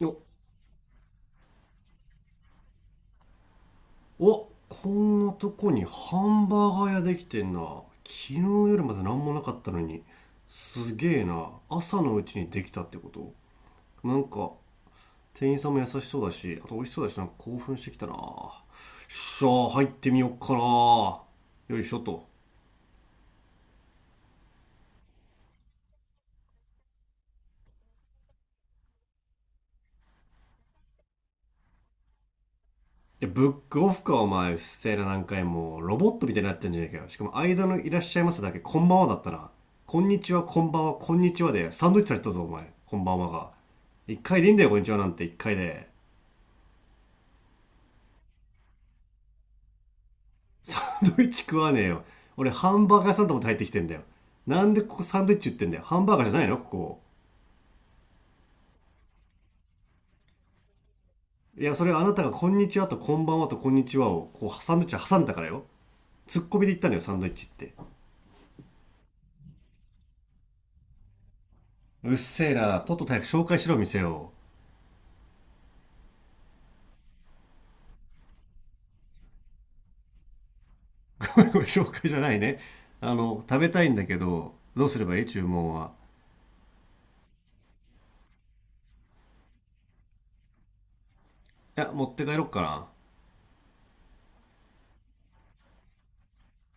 おお、こんなとこにハンバーガー屋できてんな。昨日夜まで何もなかったのに。すげえな、朝のうちにできたってこと。なんか店員さんも優しそうだし、あと美味しそうだし、なんか興奮してきたな、よっしゃー、入ってみよっかな。よいしょと。で、ブックオフかお前。うっせえな、何回もロボットみたいになってんじゃねえかよ。しかも間の「いらっしゃいませ」だけ「こんばんは」だったな。「こんにちはこんばんはこんにちは」でサンドイッチされたぞお前、「こんばんは」が一回でいいんだよ。「こんにちは」なんて一回で。サンドイッチ食わねえよ。俺ハンバーガー屋さんと思って入ってきてんだよ。なんでここサンドイッチ売ってんだよ。ハンバーガーじゃないのここ？いや、それあなたが「こんにちは」と「こんばんは」と「こんにちは」をこうサンドイッチ挟んだからよ。ツッコミで言ったのよ、サンドイッチって。うっせえな、とっとと早く紹介しろ店を。 これ紹介じゃないね。食べたいんだけど、どうすればいい、注文は？いや、持って帰ろっかな。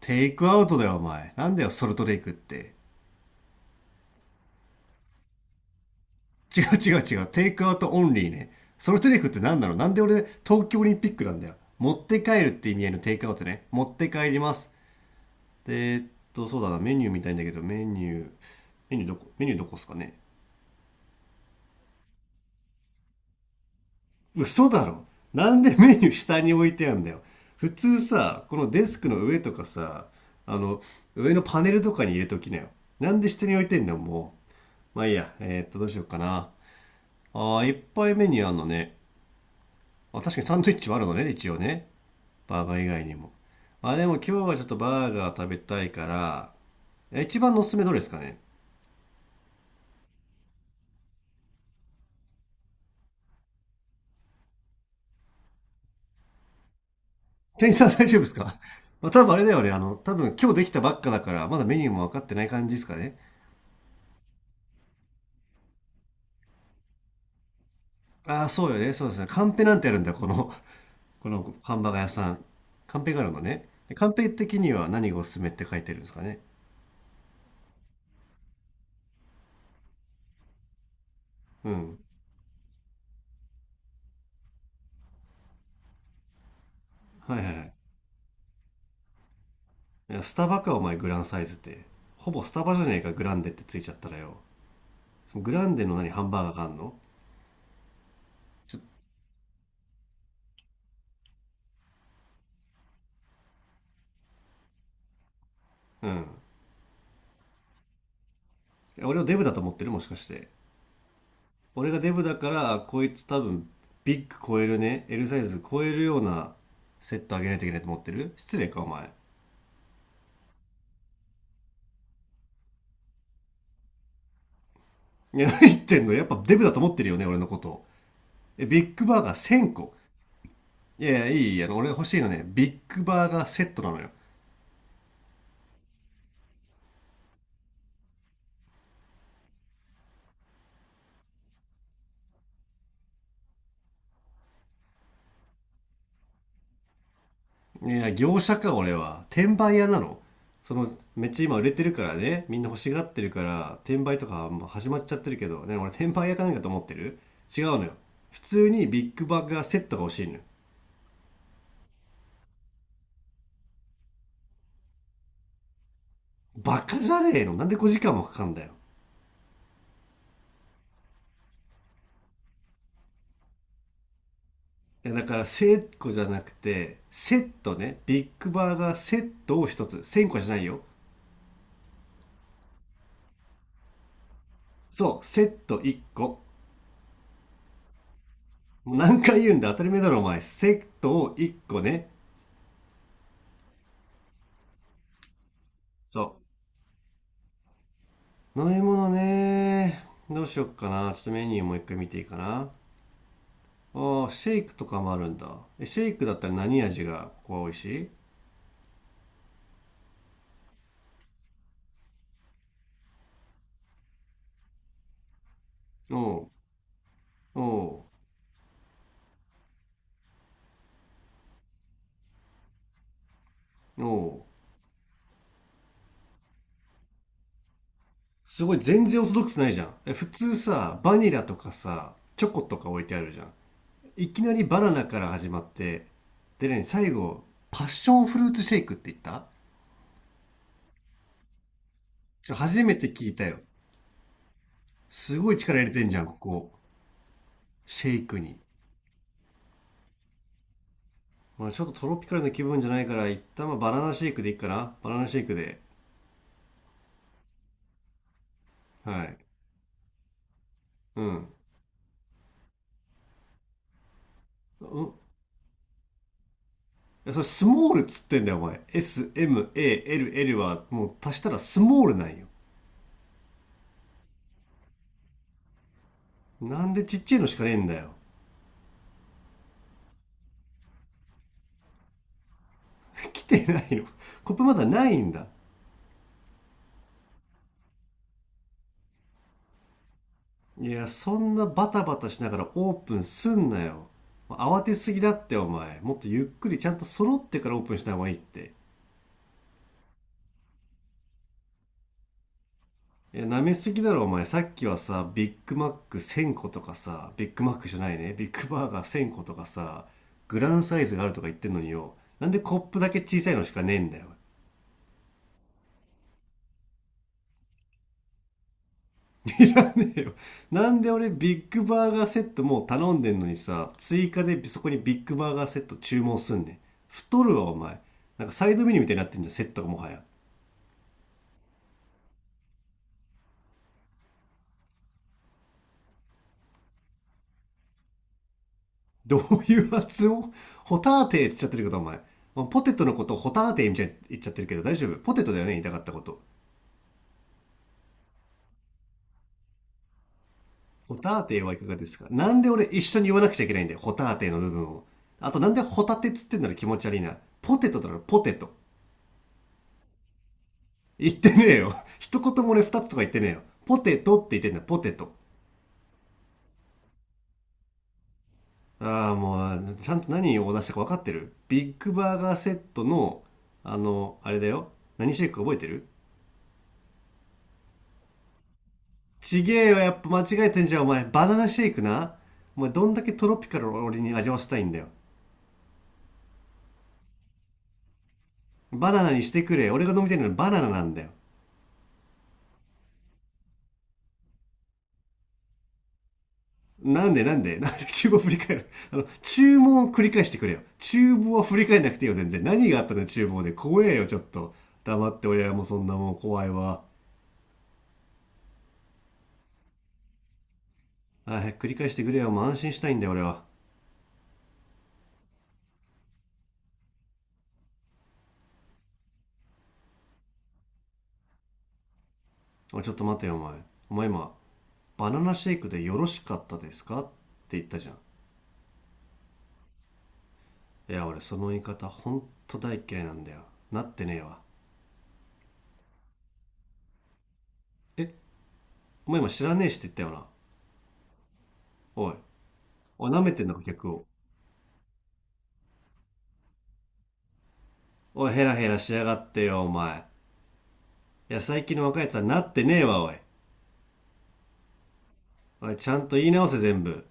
テイクアウトだよお前。なんだよソルトレイクって。違う違う違う、テイクアウトオンリーね。ソルトレイクって何なの。なんで俺東京オリンピックなんだよ。持って帰るって意味合いのテイクアウトね、持って帰ります。でそうだな、メニュー見たいんだけど、メニュー、メニューどこ、メニューどこっすかね？嘘だろ。なんでメニュー下に置いてあんだよ。普通さ、このデスクの上とかさ、あの上のパネルとかに入れときなよ。なんで下に置いてんだよ、もう。まあいいや、どうしようかな。あー、いっぱいメニューあんのね。あ、確かにサンドイッチもあるのね、一応ね。バーガー以外にも。まあ、でも今日はちょっとバーガー食べたいから。え、一番のおすすめどれですかね？店員さん、 大丈夫ですか？ まあ多分あれだよね、多分今日できたばっかだからまだメニューも分かってない感じですかね？ああ、そうよね。そうですね。カンペなんてあるんだ、この、このハンバーガー屋さん。カンペがあるのね。で、カンペ的には何がおすすめって書いてるんですかね。うん。はいはいはい。いや、スタバか、お前、グランサイズって。ほぼスタバじゃねえか、グランデってついちゃったらよ。そのグランデの何、ハンバーガーがあんの？ちょうん。いや、俺をデブだと思ってるもしかして。俺がデブだから、あこいつ多分、ビッグ超えるね。L サイズ超えるようなセットあげないといけないと思ってる、失礼か、お前。いや、何言ってんの、やっぱデブだと思ってるよね、俺のこと。ビッグバーガー1,000個。いやいや、いいいい、俺欲しいのね、ビッグバーガーセットなのよ。いや、業者か、俺は。転売屋なの。めっちゃ今売れてるからね、みんな欲しがってるから、転売とかもう始まっちゃってるけど、ね、俺転売屋かなんかと思ってる？違うのよ。普通にビッグバーガーセットが欲しいのよ。バカじゃねえの、なんで5時間もかかんだよ。いや、だから1,000個じゃなくて、セットね。ビッグバーガーセットを1つ。1,000個じゃないよ。そう、セット1個。もう何回言うんだ、当たり前だろお前。セットを1個ね。そう。飲み物ね。どうしよっかな。ちょっとメニューもう一回見ていいかな。ああ、シェイクとかもあるんだ。え、シェイクだったら何味がここは美味しい？おう、おう、おう。すごい全然オーソドックスないじゃん。え、普通さ、バニラとかさ、チョコとか置いてあるじゃん。いきなりバナナから始まって、でね、最後、パッションフルーツシェイクって言った？初めて聞いたよ。すごい力入れてんじゃん、ここ。シェイクに。まあ、ちょっとトロピカルな気分じゃないから、一旦まあバナナシェイクでいいかな。バナナシェイクで。はい。うん。うん。いや、それスモールっつってんだよ、お前。S、M、A、L、L は、もう足したらスモールなんよ。なんでちっちゃいのしかねえんだよ。来てないの。コップまだないんだ。いや、そんなバタバタしながらオープンすんなよ。慌てすぎだって、お前。もっとゆっくりちゃんと揃ってからオープンした方がいいって。いや、舐めすぎだろ、お前。さっきはさ、ビッグマック1,000個とかさ、ビッグマックじゃないね、ビッグバーガー1,000個とかさ、グランサイズがあるとか言ってんのによ、なんでコップだけ小さいのしかねえんだよ。いらねえよ。なんで俺ビッグバーガーセットもう頼んでんのにさ、追加でそこにビッグバーガーセット注文すんねん。太るわ、お前。なんかサイドメニューみたいになってんじゃん、セットがもはや。どういう発音？ホターテーって言っちゃってるけど、お前。ポテトのことをホターテーみたいに言っちゃってるけど、大丈夫？ポテトだよね、言いたかったこと。ホタテはいかがですか、なんで俺一緒に言わなくちゃいけないんだよ、ホタテの部分を。あとなんでホタテっつってんだろ、気持ち悪いな。ポテトだろポテト。言ってねえよ。一言も俺二つとか言ってねえよ。ポテトって言ってんだポテト。ああ、もう、ちゃんと何を出したか分かってる？ビッグバーガーセットの、あれだよ。何シェイク覚えてる？ちげえよ、やっぱ間違えてんじゃん、お前。バナナシェイクな。お前、どんだけトロピカルを俺に味わせたいんだよ。バナナにしてくれ。俺が飲みたいのはバナナなんだよ。なんでなんで なんで厨房振り返る？ 注文を繰り返してくれよ。厨房は振り返んなくていいよ、全然。何があったの厨房で。怖えよ、ちょっと。黙って俺らもそんなもん怖いわ。あー、繰り返してくれよ。もう安心したいんだよ、俺は。おい、ちょっと待てよ、お前。お前今、バナナシェイクでよろしかったですかって言ったじゃん。いや、俺その言い方ほんと大嫌いなんだよ。なってねえわ。え、お前今知らねえしって言ったよな。おい。おい、舐めてんのか、客を。おい、ヘラヘラしやがってよ、お前。いや、最近の若いやつはなってねえわ、おい。おい、ちゃんと言い直せ全部。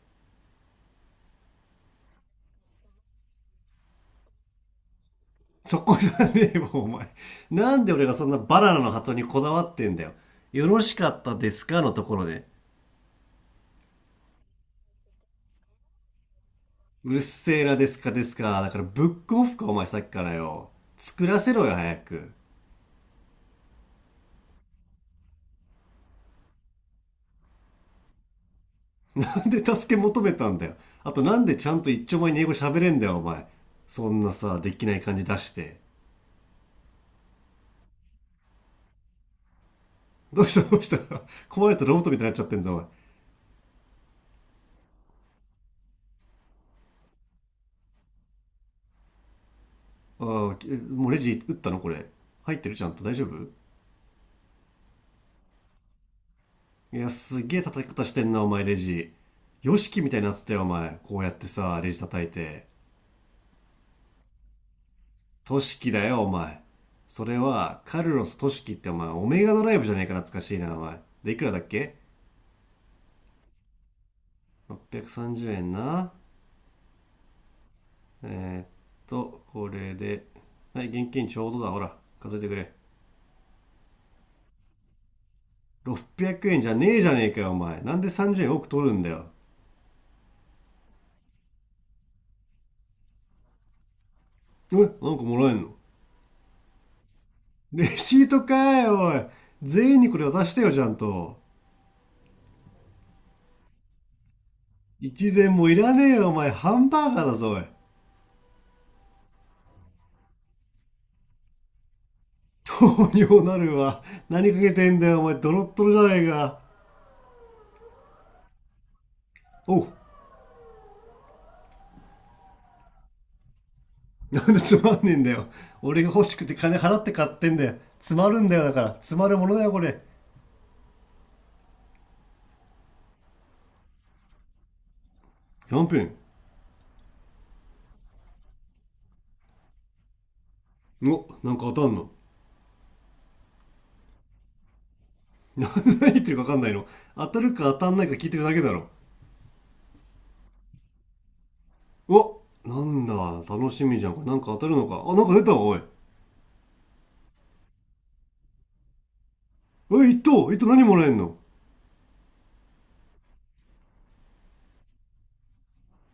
そこじゃねえもん、お前。なんで俺がそんなバナナの発音にこだわってんだよ。よろしかったですかのところで。うるせえな、ですかですか。だからブックオフか、お前さっきからよ。作らせろよ、早く。なんで助け求めたんだよ。あとなんでちゃんと一丁前に英語喋れんだよ、お前。そんなさ、できない感じ出して。どうしたどうした？ 壊れたロボットみたいになっちゃってんぞ、お前。ああ、もうレジ打ったのこれ？入ってる？ちゃんと大丈夫？いや、すげえ叩き方してんな、お前、レジ。ヨシキみたいになってたよ、お前。こうやってさ、レジ叩いて。トシキだよ、お前。それは、カルロス・トシキってお前、オメガドライブじゃねえか、懐かしいな、お前。で、いくらだっけ ?630 円な。えーっこれで。はい、現金ちょうどだ、ほら。数えてくれ。600円じゃねえじゃねえかよ、お前。なんで30円多く取るんだよ。え、なんかもらえんの？レシートかい、おい。全員にこれ渡してよ、ちゃんと。一膳もいらねえよ、お前。ハンバーガーだぞ、おい。糖尿なるわ。何かけてんだよ、お前。ドロッドロじゃねえか。おう。なんでつまんねえんだよ。俺が欲しくて金払って買ってんだよ。詰まるんだよ、だから。詰まるものだよ、これ。キャンペーン。お、なんか当たんの？何言ってるか分かんないの？当たるか当たんないか聞いてるだけだろ。お、なんだ、楽しみじゃん。これなんか当たるのか。あ、なんか出たわ、おい。おい、一等、一等何もらえんの？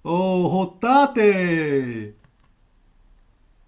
おー、ほったーてー。